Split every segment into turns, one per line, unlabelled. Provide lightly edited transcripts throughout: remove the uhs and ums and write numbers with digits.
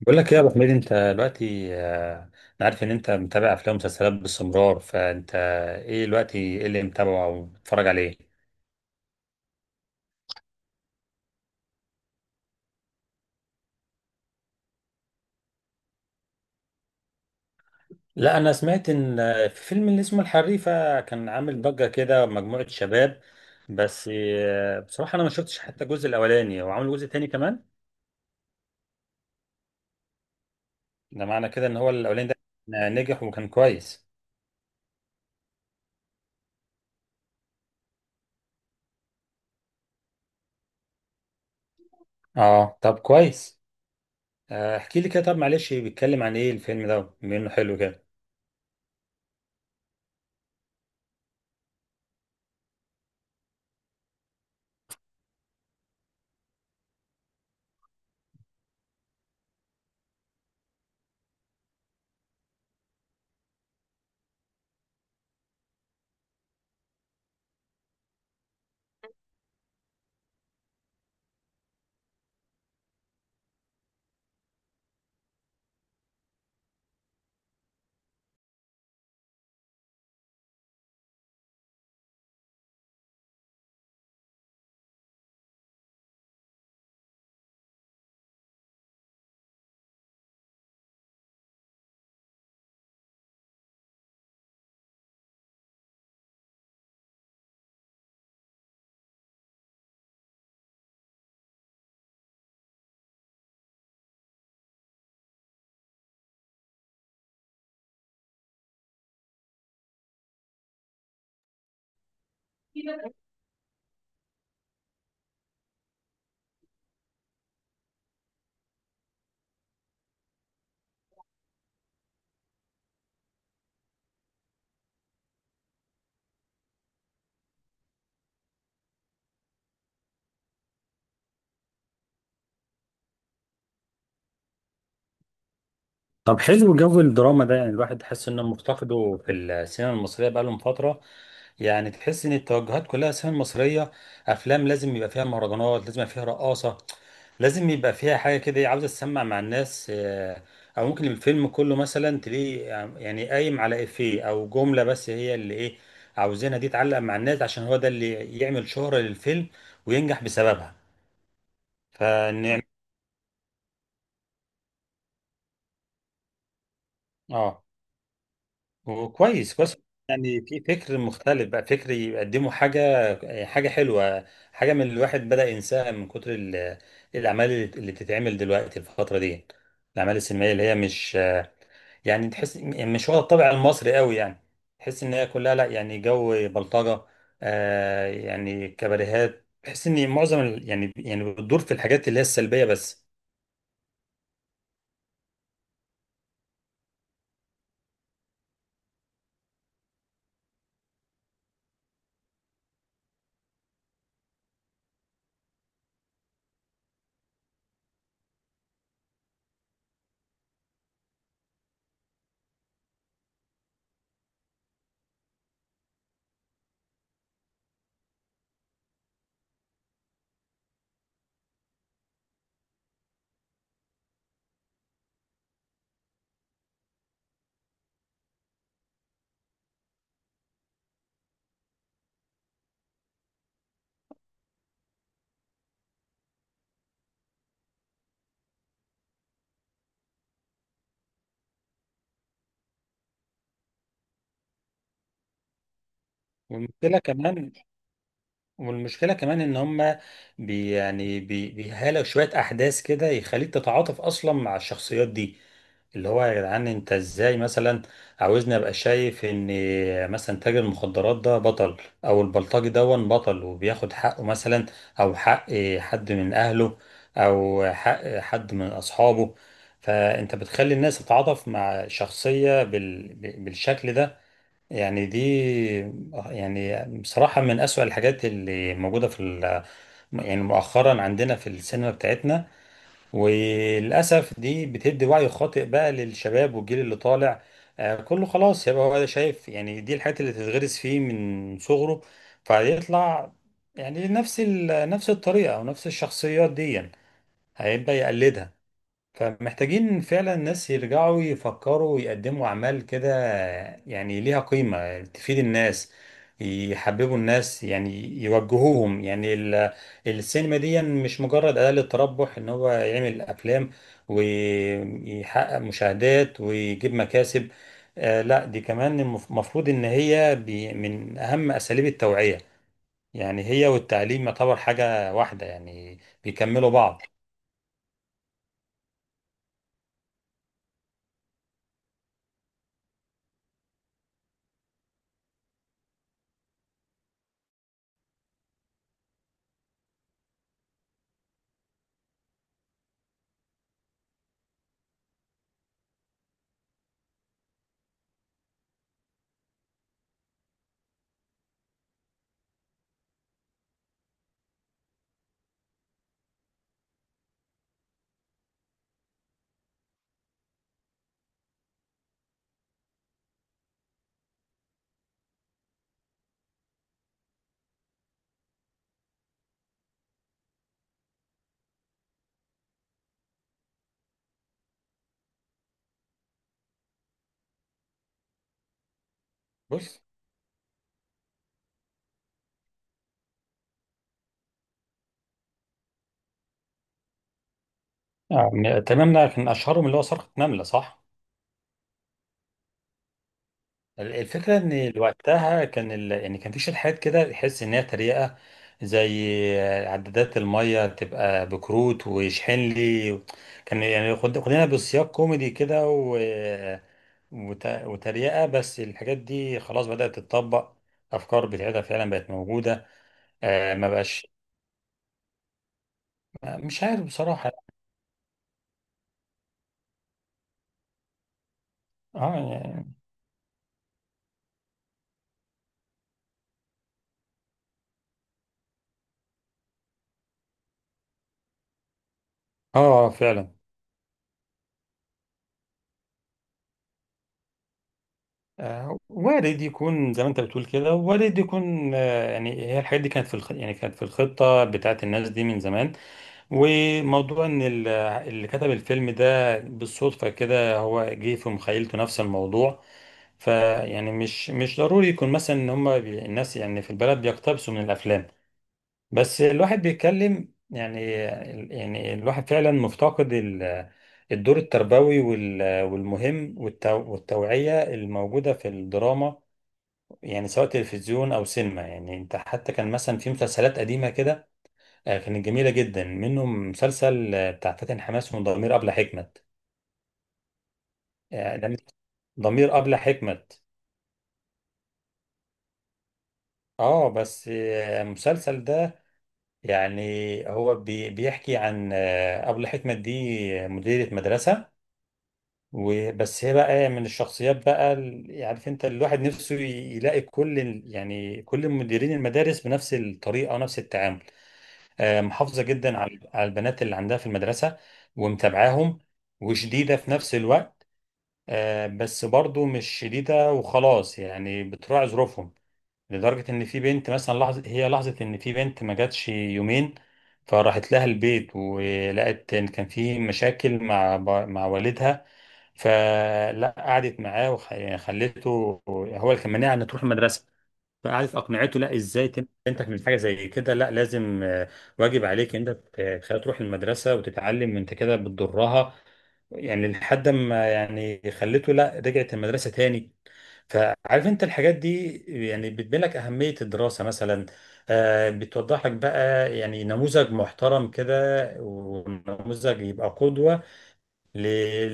بقول لك ايه يا ابو حميد؟ انت دلوقتي انا عارف ان انت متابع افلام ومسلسلات باستمرار، فانت ايه اللي متابعه او بتتفرج عليه؟ لا، انا سمعت ان في فيلم اللي اسمه الحريفه كان عامل ضجه كده، مجموعه شباب. بس بصراحه انا ما شفتش حتى الجزء الاولاني، وعامل جزء تاني كمان. ده معنى كده ان هو الاولاني ده نجح وكان كويس. اه طب كويس. احكي لي كده طب، معلش، بيتكلم عن ايه الفيلم ده بما انه حلو كده؟ طب حلو جو الدراما ده، يعني الواحد تحس انه مفتقده في السينما المصريه بقالهم فتره. يعني تحس ان التوجهات كلها السينما المصريه، افلام لازم يبقى فيها مهرجانات، لازم يبقى فيها رقاصه، لازم يبقى فيها حاجه كده عاوزه تسمع مع الناس. او ممكن الفيلم كله مثلا تلاقيه يعني قايم على افيه او جمله بس هي اللي ايه عاوزينها، دي تعلق مع الناس عشان هو ده اللي يعمل شهره للفيلم وينجح بسببها. فنعم. اه. وكويس كويس. يعني في فكر مختلف بقى، فكر يقدموا حاجة حلوة، حاجة من اللي الواحد بدأ ينساها من كتر الأعمال اللي بتتعمل دلوقتي الفترة دي، الأعمال السينمائية اللي هي مش، يعني تحس مش واخدة الطابع المصري قوي يعني. تحس إن هي كلها، لا يعني جو بلطجة، يعني كباريهات. تحس إن معظم يعني بتدور في الحاجات اللي هي السلبية بس. والمشكلة كمان والمشكلة كمان ان هم بي يعني بي بيهالوا شوية احداث كده يخليك تتعاطف اصلا مع الشخصيات دي، اللي هو يا جدعان انت ازاي مثلا عاوزني ابقى شايف ان مثلا تاجر المخدرات ده بطل، او البلطجي دون بطل وبياخد حقه مثلا، او حق حد من اهله، او حق حد من اصحابه؟ فانت بتخلي الناس تتعاطف مع شخصية بالشكل ده. يعني دي، يعني بصراحة من أسوأ الحاجات اللي موجودة في يعني مؤخرا عندنا في السينما بتاعتنا. وللأسف دي بتدي وعي خاطئ بقى للشباب والجيل اللي طالع. كله خلاص يبقى هو شايف، يعني دي الحاجات اللي تتغرس فيه من صغره، فهيطلع يعني نفس نفس الطريقة أو نفس الشخصيات دي هيبقى يقلدها. فمحتاجين فعلا ناس يرجعوا يفكروا ويقدموا أعمال كده يعني ليها قيمة، تفيد الناس، يحببوا الناس يعني، يوجهوهم. يعني السينما دي مش مجرد أداة للتربح، إن هو يعمل أفلام ويحقق مشاهدات ويجيب مكاسب. آه لا، دي كمان المفروض إن هي من أهم أساليب التوعية. يعني هي والتعليم يعتبر حاجة واحدة يعني، بيكملوا بعض. بص، يعني تمام، ده كان اشهرهم اللي هو صرخة نملة، صح؟ الفكرة ان وقتها كان يعني كان في شركات كده تحس ان هي تريقة، زي عدادات المية تبقى بكروت واشحن لي. كان يعني خدنا بسياق كوميدي كده وتريقة، بس الحاجات دي خلاص بدأت تتطبق، افكار بتاعتها فعلا بقت موجودة. آه ما بقاش. مش عارف بصراحة. اه. يعني اه فعلا. وارد يكون زي ما انت بتقول كده، وارد يكون، يعني هي الحاجات دي كانت في يعني كانت في الخطة بتاعت الناس دي من زمان. وموضوع ان اللي كتب الفيلم ده بالصدفة كده هو جه في مخيلته نفس الموضوع. فيعني مش ضروري يكون مثلا ان هم الناس يعني في البلد بيقتبسوا من الافلام، بس الواحد بيتكلم يعني. يعني الواحد فعلا مفتقد الدور التربوي والمهم والتوعية الموجودة في الدراما، يعني سواء تلفزيون أو سينما. يعني أنت حتى كان مثلا في مسلسلات قديمة كده كانت جميلة جدا، منهم مسلسل بتاع فاتن حماس، وضمير أبلة حكمت. ده ضمير أبلة حكمت. اه بس المسلسل ده يعني هو بيحكي عن أبلة حكمت دي مديرة مدرسة. وبس هي بقى من الشخصيات بقى عارف انت، الواحد نفسه يلاقي كل يعني كل مديرين المدارس بنفس الطريقه ونفس التعامل. محافظه جدا على على البنات اللي عندها في المدرسه، ومتابعاهم، وشديده في نفس الوقت. بس برضو مش شديده وخلاص يعني، بتراعي ظروفهم. لدرجه ان في بنت مثلا لحظه، هي لحظه ان في بنت ما جاتش يومين، فراحت لها البيت، ولقت ان كان في مشاكل مع مع والدها. فلا قعدت معاه وخليته، هو اللي كان مانعها ان تروح المدرسه، فقعدت اقنعته لا ازاي انت من حاجه زي كده، لا لازم، واجب عليك انت تخليها تروح المدرسه وتتعلم، انت كده بتضرها. يعني لحد ما يعني خليته، لا، رجعت المدرسه تاني. فعارف انت الحاجات دي يعني بتبين لك اهميه الدراسه مثلا، بتوضح لك بقى يعني نموذج محترم كده، ونموذج يبقى قدوه ل-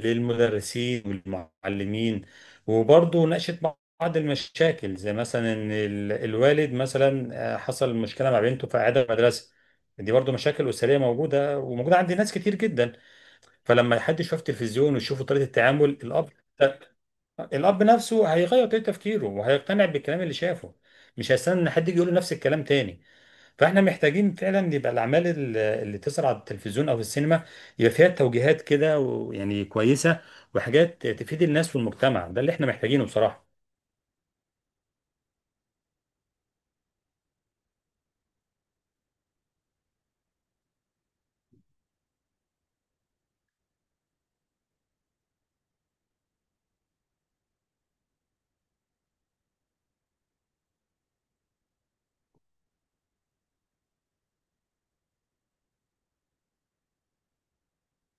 للمدرسين والمعلمين. وبرضه ناقشت بعض المشاكل زي مثلا ان الوالد مثلا حصل مشكله مع بنته في اعاده مدرسه. دي برضه مشاكل اسريه موجوده، وموجوده عند ناس كتير جدا. فلما حد يشوف تلفزيون ويشوف طريقه التعامل الاب، نفسه هيغير طريقه تفكيره وهيقتنع بالكلام اللي شافه، مش هيستنى ان حد يجي يقول له نفس الكلام تاني. فاحنا محتاجين فعلا يبقى الاعمال اللي تظهر على التلفزيون او في السينما يبقى فيها توجيهات كده ويعني كويسه، وحاجات تفيد الناس والمجتمع، ده اللي احنا محتاجينه بصراحه.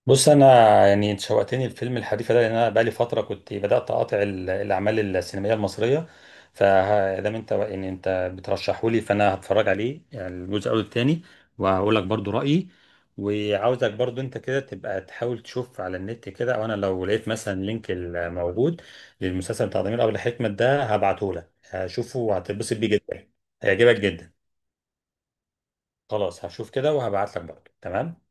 بص انا، يعني انت شوقتني الفيلم الحديثة ده، لان انا بقالي فتره كنت بدات اقاطع الاعمال السينمائيه المصريه. فدام انت يعني انت بترشحه لي فانا هتفرج عليه، يعني الجزء الاول والتاني، وهقول لك برضو رايي. وعاوزك برضو انت كده تبقى تحاول تشوف على النت كده، او انا لو لقيت مثلا لينك الموجود للمسلسل بتاع ضمير ابو حكمه ده هبعته لك، هشوفه وهتتبسط بيه جدا، هيعجبك جدا. خلاص هشوف كده وهبعت لك برضو، تمام.